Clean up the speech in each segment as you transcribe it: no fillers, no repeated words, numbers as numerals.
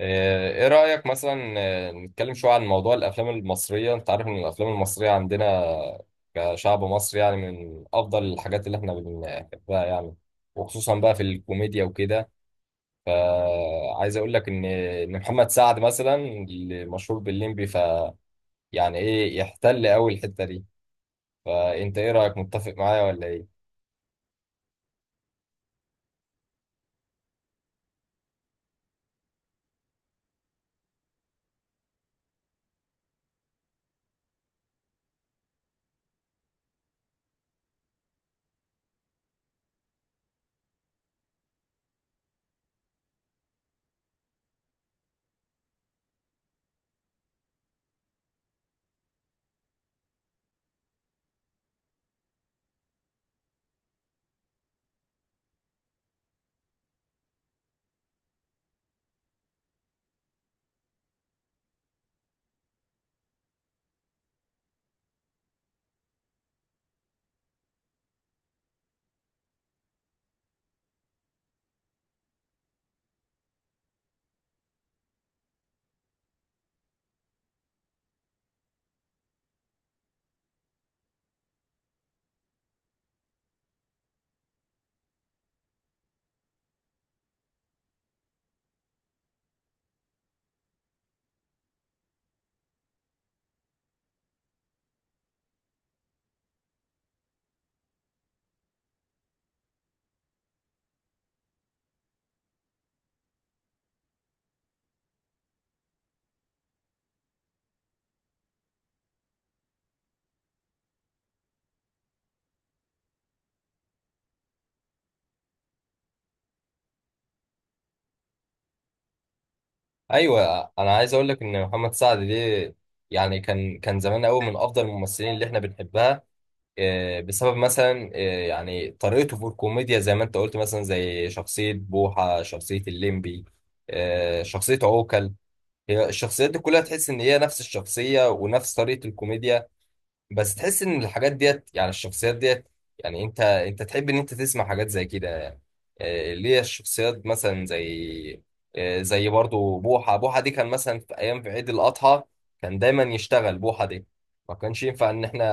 ايه رأيك مثلا، نتكلم شوية عن موضوع الافلام المصرية. انت عارف ان الافلام المصرية عندنا كشعب مصري يعني من افضل الحاجات اللي احنا بنحبها، يعني، وخصوصا بقى في الكوميديا وكده. فعايز اقول لك ان محمد سعد مثلا اللي مشهور بالليمبي، يعني ايه، يحتل قوي الحتة دي. فانت ايه رأيك؟ متفق معايا ولا ايه؟ ايوه، انا عايز اقول لك ان محمد سعد ده يعني كان زمان قوي من افضل الممثلين اللي احنا بنحبها، بسبب مثلا يعني طريقته في الكوميديا زي ما انت قلت، مثلا زي شخصية بوحة، شخصية الليمبي، شخصية عوكل. هي الشخصيات دي كلها تحس ان هي نفس الشخصية ونفس طريقة الكوميديا، بس تحس ان الحاجات ديت، يعني الشخصيات ديت، يعني انت تحب ان انت تسمع حاجات زي كده، يعني ليه الشخصيات مثلا زي زي برضو بوحة. بوحة دي كان مثلا في ايام، في عيد الاضحى، كان دايما يشتغل بوحة دي. ما كانش ينفع ان احنا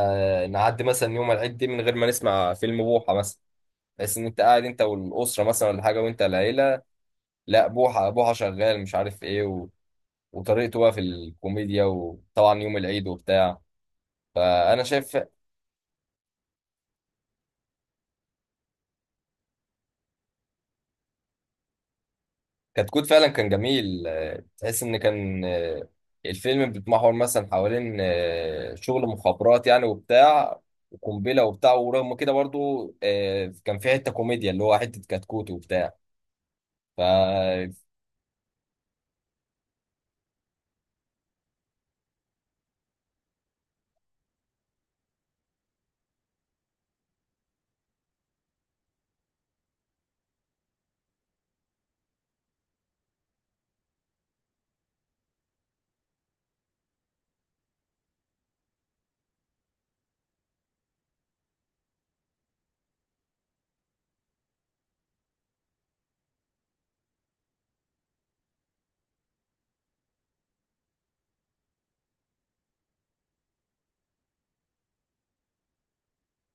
نعدي مثلا يوم العيد دي من غير ما نسمع فيلم بوحة مثلا. بس ان انت قاعد انت والاسره مثلا ولا حاجه وانت العيله، لا بوحة بوحة شغال مش عارف ايه وطريقته بقى في الكوميديا، وطبعا يوم العيد وبتاع. فانا شايف كتكوت فعلا كان جميل. تحس ان كان الفيلم بيتمحور مثلا حوالين شغل مخابرات يعني وبتاع وقنبله وبتاع. ورغم كده برضو كان في حته كوميديا اللي هو حته كتكوت وبتاع. ف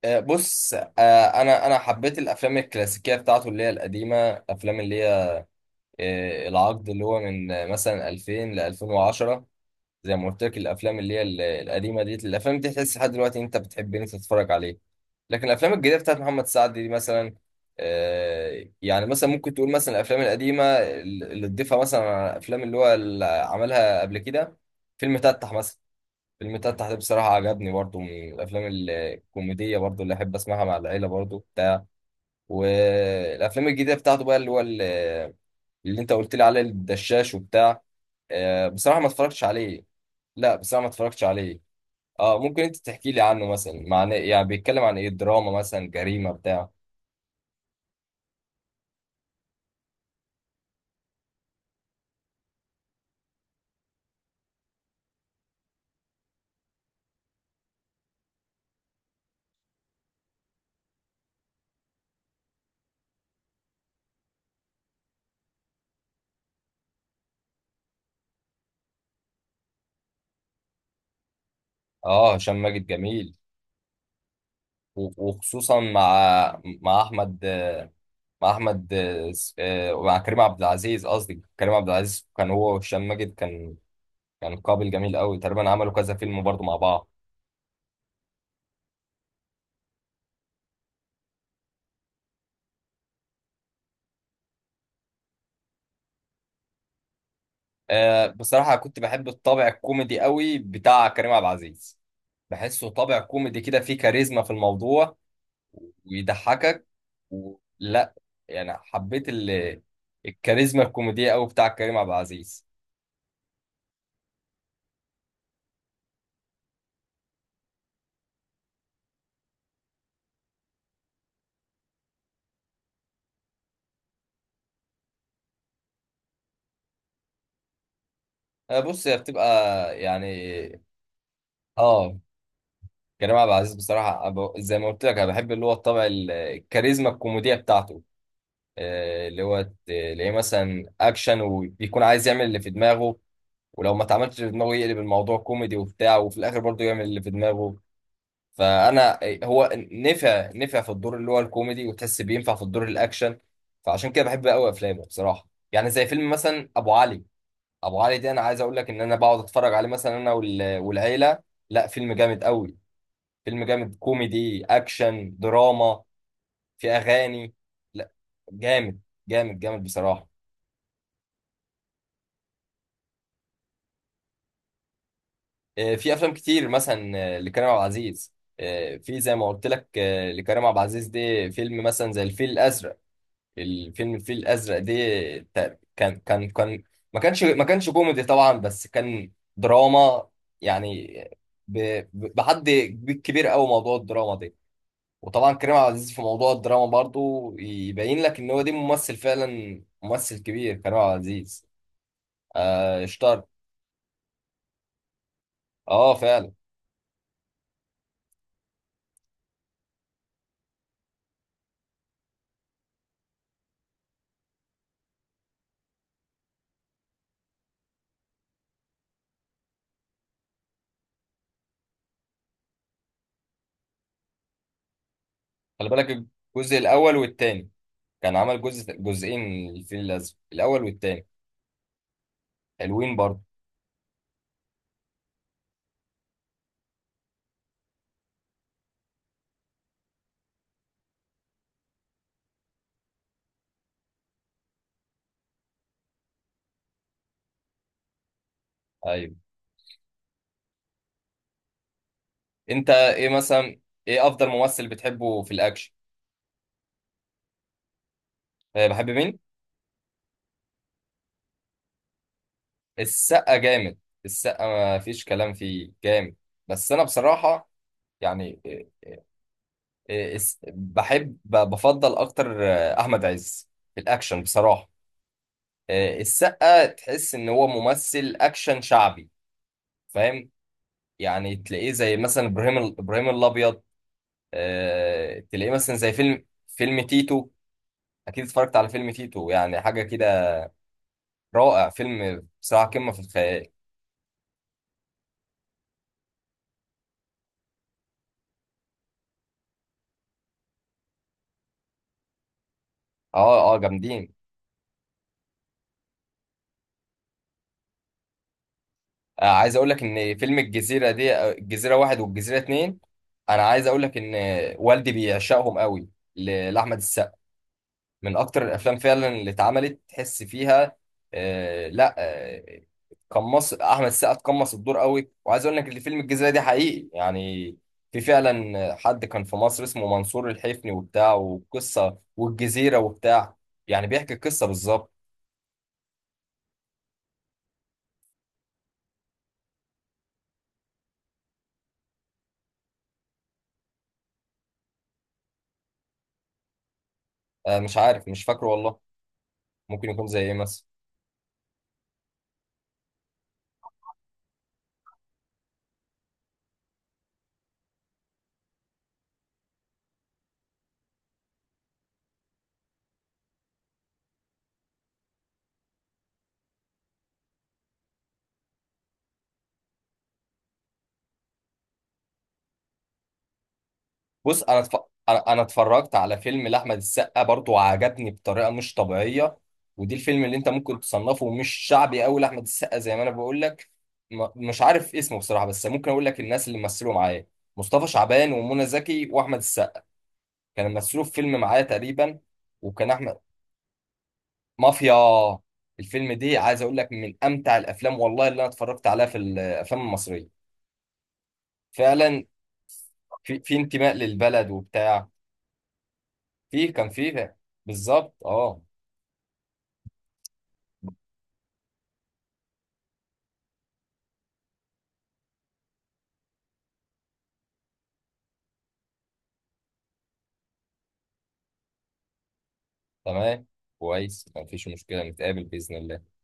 بص، انا حبيت الافلام الكلاسيكيه بتاعته اللي هي القديمه، افلام اللي هي العقد اللي هو من مثلا 2000 ل 2010. زي ما قلت لك، الافلام اللي هي القديمه دي، الافلام دي تحس لحد دلوقتي انت بتحب ان انت تتفرج عليها. لكن الافلام الجديده بتاعت محمد سعد دي مثلا، يعني مثلا ممكن تقول مثلا الافلام القديمه اللي تضيفها مثلا على الافلام اللي هو اللي عملها قبل كده، فيلم تتح مثلا. فيلم تتح ده بصراحه عجبني، برضو من الافلام الكوميديه برضو اللي احب اسمعها مع العيله برضو بتاع. والافلام الجديده بتاعته بقى اللي انت قلت لي عليه، الدشاش وبتاع، بصراحه ما اتفرجتش عليه. لا بصراحه ما اتفرجتش عليه. اه، ممكن انت تحكي لي عنه مثلا؟ معناه يعني بيتكلم عن ايه؟ دراما مثلا، جريمه بتاع؟ اه، هشام ماجد جميل، وخصوصا مع احمد. مع احمد، ومع كريم عبد العزيز. قصدي كريم عبد العزيز كان هو وهشام ماجد كان كان قابل جميل قوي. تقريبا عملوا كذا فيلم برضه مع بعض. بصراحة كنت بحب الطابع الكوميدي قوي بتاع كريم عبد العزيز. بحسه طابع كوميدي كده، فيه كاريزما في الموضوع ويضحكك ولا، يعني حبيت الكاريزما الكوميدية قوي بتاع كريم عبد العزيز. بص، هي بتبقى يعني، اه. كريم عبد العزيز بصراحة زي ما قلت لك، أنا بحب اللي هو الطبع الكاريزما الكوميدية بتاعته. اللي هو تلاقيه مثلا أكشن وبيكون عايز يعمل اللي في دماغه، ولو ما اتعملش في دماغه يقلب الموضوع كوميدي وبتاع وفي الآخر برضه يعمل اللي في دماغه. فأنا هو نفع في الدور اللي هو الكوميدي، وتحس بينفع في الدور الأكشن. فعشان كده بحب أوي أفلامه بصراحة، يعني زي فيلم مثلا أبو علي. أبو علي ده أنا عايز أقول لك إن أنا بقعد أتفرج عليه مثلا أنا والعيلة. لا، فيلم جامد أوي. فيلم جامد كوميدي اكشن دراما. في اغاني. لا جامد، جامد جامد بصراحه. في افلام كتير مثلا لكريم عبد العزيز. في زي ما قلت لك لكريم عبد العزيز دي فيلم مثلا زي الفيل الازرق. الفيلم الفيل الازرق دي كان ما كانش كوميدي طبعا، بس كان دراما يعني. بحد كبير قوي موضوع الدراما دي. وطبعا كريم عبد العزيز في موضوع الدراما برضو يبين لك ان هو ده ممثل فعلا، ممثل كبير كريم عبد العزيز. آه، اشتهر. اه فعلا. خلي بالك، الجزء الاول والتاني، كان عمل جزء، جزئين من الفيل الازرق، الاول والتاني. حلوين برضو. ايوه. انت ايه مثلا، ايه افضل ممثل بتحبه في الاكشن؟ آه، بحب مين؟ السقا جامد. السقا ما فيش كلام فيه، جامد. بس انا بصراحة يعني إيه، بحب، بفضل اكتر احمد عز في الاكشن بصراحه. السقا تحس ان هو ممثل اكشن شعبي. فاهم؟ يعني تلاقيه زي مثلا ابراهيم ابراهيم الابيض. تلاقيه مثلا زي فيلم تيتو. اكيد اتفرجت على فيلم تيتو؟ يعني حاجه كده رائع. فيلم بصراحه قمه في الخيال. اه، اه جامدين. عايز اقول لك ان فيلم الجزيره دي، الجزيره واحد والجزيره اتنين، انا عايز اقول لك ان والدي بيعشقهم قوي، لاحمد السقا. من اكتر الافلام فعلا اللي اتعملت تحس فيها، آه لا آه، قمص احمد السقا قمص الدور قوي. وعايز اقول لك اللي فيلم الجزيره دي حقيقي يعني. في فعلا حد كان في مصر اسمه منصور الحفني وبتاع، وقصه والجزيره وبتاع. يعني بيحكي القصه بالظبط. آه مش عارف، مش فاكره والله. ممكن يكون زي ايه مثلا؟ بص انا أنا اتفرجت على فيلم لاحمد السقا برضه وعجبني بطريقه مش طبيعيه. ودي الفيلم اللي انت ممكن تصنفه مش شعبي قوي لاحمد السقا زي ما انا بقول لك. مش عارف اسمه بصراحه، بس ممكن اقول لك الناس اللي مثلوا معايا: مصطفى شعبان، ومنى زكي، واحمد السقا، كانوا مثلوا في فيلم معايا تقريبا. وكان احمد، مافيا. الفيلم دي عايز اقول لك من امتع الافلام والله اللي انا اتفرجت عليها في الافلام المصريه، فعلا. في انتماء للبلد وبتاع. في كان فيه بالظبط، اه. تمام. كويس مفيش مشكلة، نتقابل بإذن الله.